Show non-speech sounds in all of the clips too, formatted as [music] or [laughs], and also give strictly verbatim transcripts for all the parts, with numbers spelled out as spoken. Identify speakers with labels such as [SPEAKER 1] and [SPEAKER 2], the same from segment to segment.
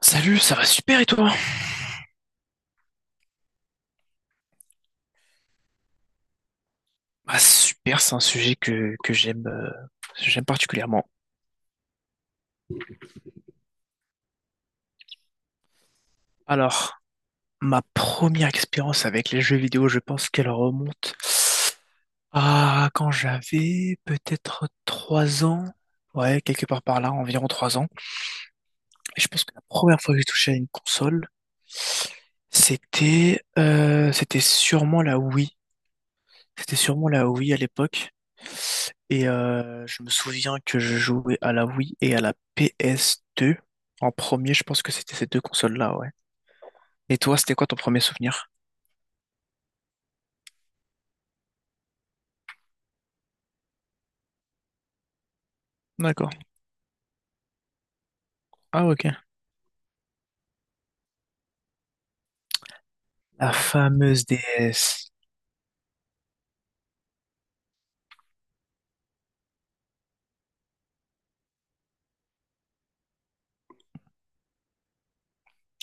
[SPEAKER 1] Salut, ça va super et toi? Ah, super, c'est un sujet que, que j'aime euh, j'aime particulièrement. Alors, ma première expérience avec les jeux vidéo, je pense qu'elle remonte à quand j'avais peut-être trois ans. Ouais, quelque part par là, environ trois ans. Et je pense que la première fois que j'ai touché à une console, c'était euh, c'était sûrement la Wii. C'était sûrement la Wii à l'époque. Et euh, je me souviens que je jouais à la Wii et à la P S deux. En premier, je pense que c'était ces deux consoles-là, ouais. Et toi, c'était quoi ton premier souvenir? D'accord. Ah, ok. La fameuse D S.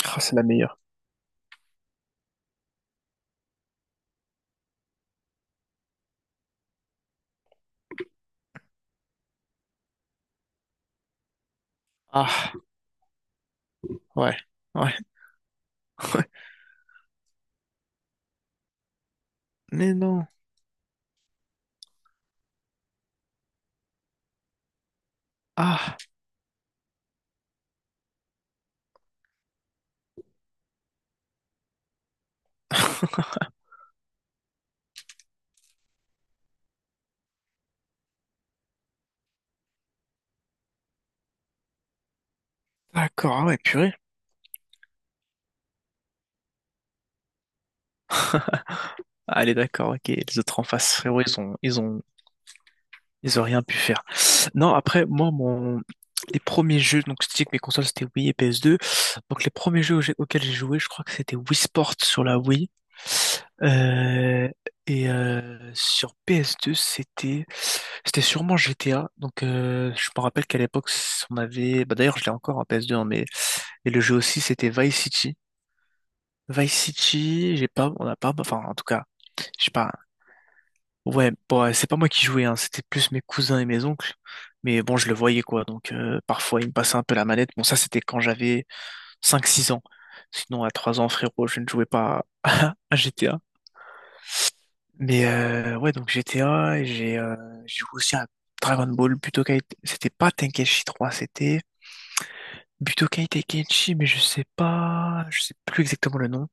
[SPEAKER 1] Ah, c'est la meilleure. Ah, ouais. Ouais. [laughs] ouais. Mais non. Ah, d'accord. Ah ouais, purée. Allez, d'accord, ok. Les autres en face, frérot, ils ont, ils ont, ils ont rien pu faire. Non, après, moi, mon... les premiers jeux, donc je te dis que mes consoles c'était Wii et P S deux. Donc les premiers jeux auxquels auxquels j'ai joué, je crois que c'était Wii Sport sur la Wii. Euh, et euh, sur P S deux, c'était c'était sûrement G T A. Donc euh, je me rappelle qu'à l'époque, on avait. Bah, d'ailleurs, je l'ai encore en P S deux, hein, mais et le jeu aussi, c'était Vice City. Vice City, j'ai pas, on n'a pas, enfin en tout cas, j'ai pas. Ouais, bon, ouais, c'est pas moi qui jouais, hein, c'était plus mes cousins et mes oncles. Mais bon, je le voyais quoi, donc euh, parfois ils me passaient un peu la manette. Bon, ça c'était quand j'avais cinq six ans. Sinon, à trois ans, frérot, je ne jouais pas [laughs] à G T A. Mais euh, ouais, donc G T A, et j'ai euh, j'ai joué aussi à Dragon Ball, Budokai. C'était pas Tenkaichi trois, c'était Budokai Tenkaichi, mais je sais pas, je sais plus exactement le nom.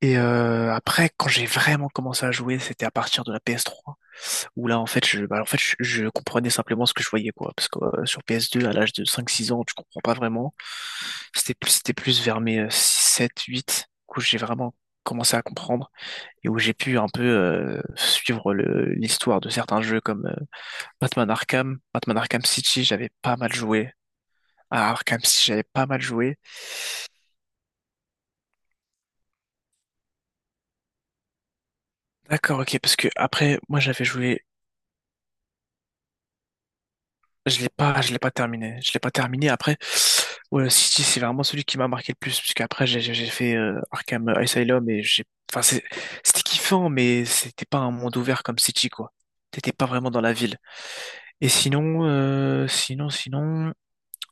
[SPEAKER 1] Et euh, après, quand j'ai vraiment commencé à jouer, c'était à partir de la P S trois, où là, en fait, je, bah, en fait, je, je comprenais simplement ce que je voyais, quoi. Parce que euh, sur P S deux, à l'âge de cinq six ans, tu comprends pas vraiment. C'était plus, c'était plus vers mes sept huit où j'ai vraiment commencé à comprendre et où j'ai pu un peu euh, suivre le- l'histoire de certains jeux comme euh, Batman Arkham, Batman Arkham City, j'avais pas mal joué. À Arkham City, j'avais pas mal joué. D'accord, ok, parce que après, moi j'avais joué. Je l'ai pas, je l'ai pas terminé. Je l'ai pas terminé. Après, ouais, City, c'est vraiment celui qui m'a marqué le plus, parce qu'après, j'ai j'ai- j'ai fait euh, Arkham Asylum et j'ai, enfin, c'est- c'était kiffant, mais c'était pas un monde ouvert comme City, quoi. T'étais pas vraiment dans la ville. Et sinon, euh, sinon, sinon,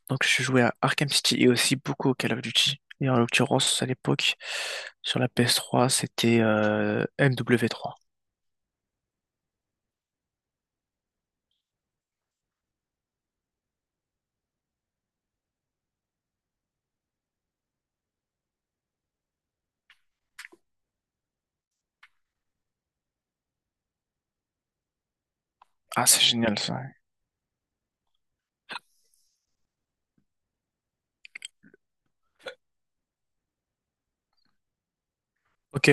[SPEAKER 1] donc je jouais à Arkham City et aussi beaucoup au Call of Duty. Et en l'occurrence, à l'époque, sur la P S trois c'était euh, M W trois. Ah, c'est génial ça. Ok.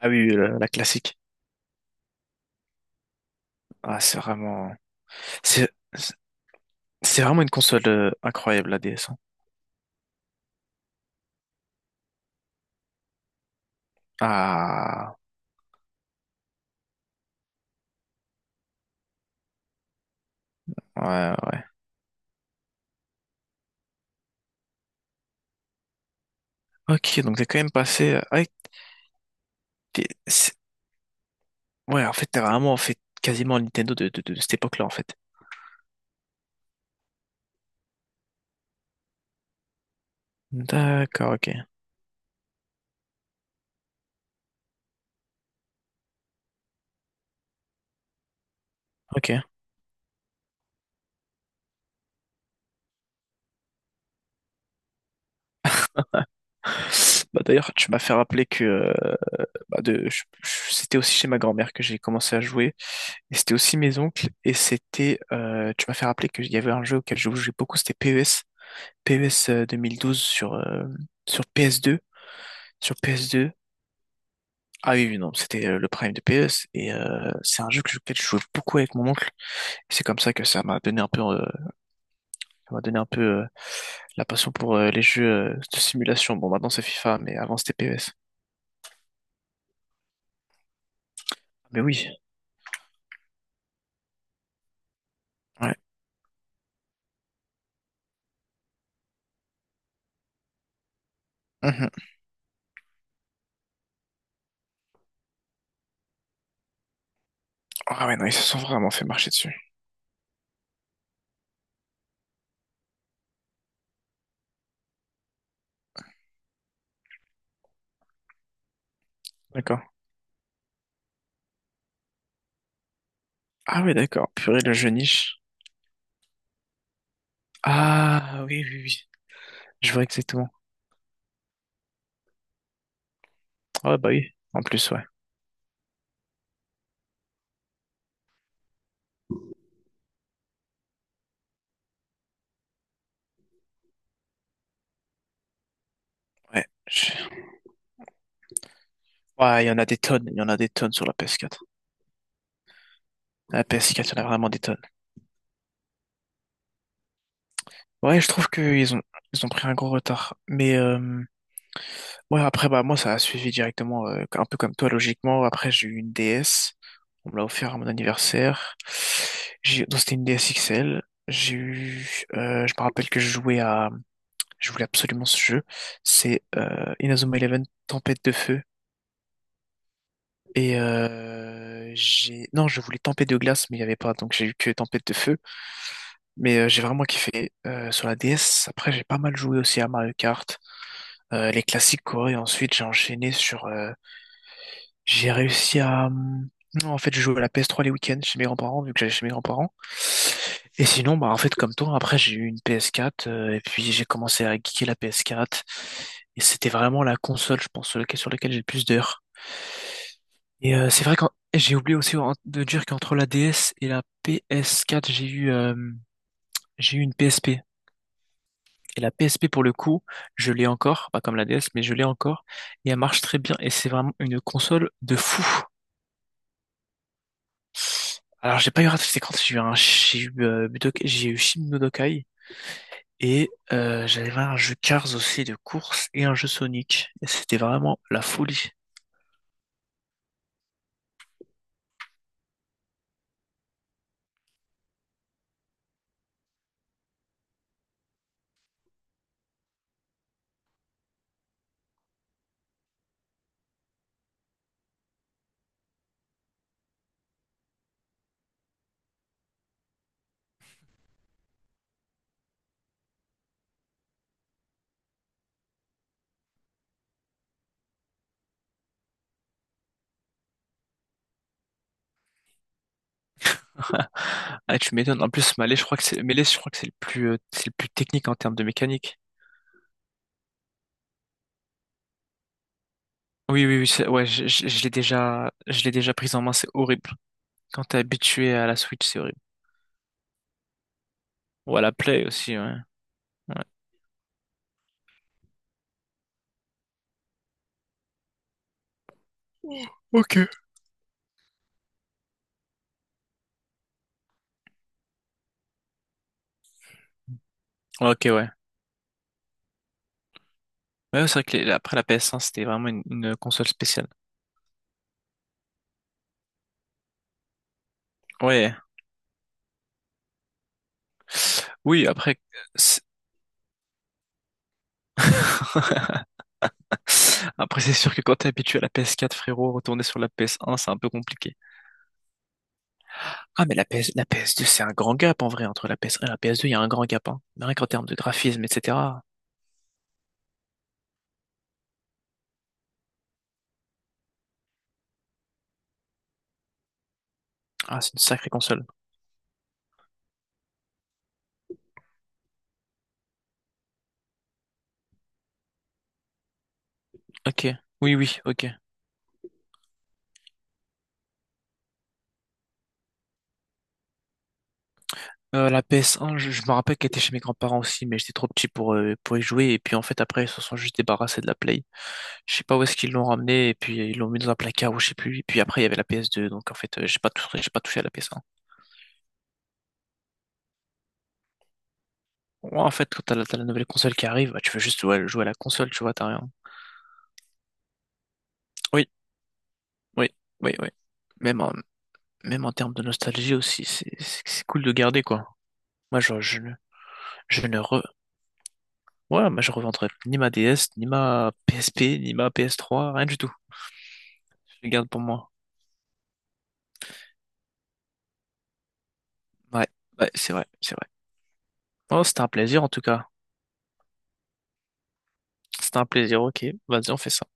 [SPEAKER 1] Ah oui, oui, la, la classique. Ah, c'est vraiment. C'est C'est vraiment une console euh, incroyable, la D S, hein. Ah, ouais, ouais. Ok, donc t'es quand même passé... avec t'es- c'est- Ouais, en fait, t'as vraiment fait quasiment le Nintendo de, de- de cette époque-là, en fait. D'accord, ok, ok. Bah d'ailleurs, tu m'as fait rappeler que euh, bah, de, je- je- c'était aussi chez ma grand-mère que j'ai commencé à jouer, et c'était aussi mes oncles, et c'était... euh, tu m'as fait rappeler qu'il y avait un jeu auquel je jouais beaucoup, c'était P E S. P E S euh, deux mille douze sur, euh, sur P S deux, sur P S deux. Ah oui, oui, non, c'était euh, le Prime de P S et euh, c'est un jeu que, je, auquel je jouais beaucoup avec mon oncle. Et c'est comme ça que ça m'a donné un peu, euh, ça m'a donné un peu euh, la passion pour euh, les jeux euh, de simulation. Bon, maintenant c'est FIFA, mais avant c'était P S. Mais oui, ouais. Mhm. Ah ouais, non, ils se sont vraiment fait marcher dessus. D'accord. Ah oui, d'accord. Purée, le jeu niche. Ah oui, oui, oui. Je vois exactement. Ouais, bah oui. En plus, ouais. Ouais. Je- Ouais, il y en a des tonnes. Il y en a des tonnes sur la P S quatre. La P S quatre, il y en a vraiment des tonnes. Ouais, je trouve qu'ils ont, ils ont pris un gros retard. Mais euh, ouais, après, bah, moi, ça a suivi directement, euh, un peu comme toi, logiquement. Après, j'ai eu une D S. On me l'a offert à mon anniversaire. J'ai, donc, c'était une D S X L. J'ai eu, euh, je me rappelle que je jouais à, je voulais absolument ce jeu. C'est euh, Inazuma Eleven Tempête de Feu. Et euh, j'ai, non, je voulais Tempête de Glace, mais il n'y avait pas, donc j'ai eu que Tempête de Feu. Mais euh, j'ai vraiment kiffé euh, sur la D S. Après, j'ai pas mal joué aussi à Mario Kart, euh, les classiques quoi. Et ensuite, j'ai enchaîné sur. Euh, j'ai réussi à. Hum, Non, en fait, je joue à la P S trois les week-ends chez mes grands-parents, vu que j'allais chez mes grands-parents. Et sinon, bah, en fait, comme toi, après, j'ai eu une P S quatre euh, et puis j'ai commencé à geeker la P S quatre. Et c'était vraiment la console, je pense, sur laquelle, sur laquelle j'ai le plus d'heures. Et euh, c'est vrai que j'ai oublié aussi en- de dire qu'entre la D S et la P S quatre j'ai eu, euh, j'ai eu une P S P. Et la P S P, pour le coup, je l'ai encore, pas comme la D S, mais je l'ai encore. Et elle marche très bien. Et c'est vraiment une console de fou. Alors, j'ai pas eu Ratchet Clank, j'ai eu un, j'ai eu, euh, Budok- j'ai eu Shin no Dokai. Et euh, j'avais un jeu Cars aussi de course et un jeu Sonic. Et c'était vraiment la folie. [laughs] Ah, tu m'étonnes. En plus, Melee, je crois que c'est Melee, je crois que c'est le plus, euh, c'est le plus technique en termes de mécanique. Oui, oui, oui, c'est- ouais, je, je- je l'ai déjà, je l'ai déjà prise en main, c'est horrible. Quand t'es habitué à la Switch, c'est horrible. Ou à la Play aussi, ouais. Ok. Ok, ouais. Ouais, c'est vrai que les- après la P S un, c'était vraiment une, une console spéciale. Ouais. Oui, après, c'est- [laughs] après c'est sûr que quand t'es habitué à la P S quatre, frérot, retourner sur la P S un, c'est un peu compliqué. Ah, mais la P S, la P S deux, c'est un grand gap en vrai entre la P S un et la P S deux, il y a un grand gap, hein. Rien qu'en termes de graphisme, et cetera. Ah, c'est une sacrée console. Ok. Oui, oui, ok. Euh, la P S un, je, je me rappelle qu'elle était chez mes grands-parents aussi, mais j'étais trop petit pour, euh, pour y jouer. Et puis en fait, après, ils se sont juste débarrassés de la Play. Je sais pas où est-ce qu'ils l'ont ramené et puis ils l'ont mis dans un placard ou je sais plus. Et puis après il y avait la P S deux donc en fait euh, j'ai pas touché, j'ai pas touché à la P S un. Ouais, en fait quand t'as la, t'as la nouvelle console qui arrive, bah, tu veux juste ouais, jouer à la console, tu vois, t'as rien. Oui, oui, oui, oui. Même en, même en termes de nostalgie aussi, c'est c'est- c'est cool de garder quoi. Moi je, je, ne- je ne re... ouais, moi, je revendrai ni ma D S, ni ma P S P, ni ma P S trois, rien du tout. Je les garde pour moi. Ouais, ouais, c'est vrai, c'est vrai. Oh, c'était un plaisir en tout cas. C'était un plaisir, ok. Vas-y, on fait ça.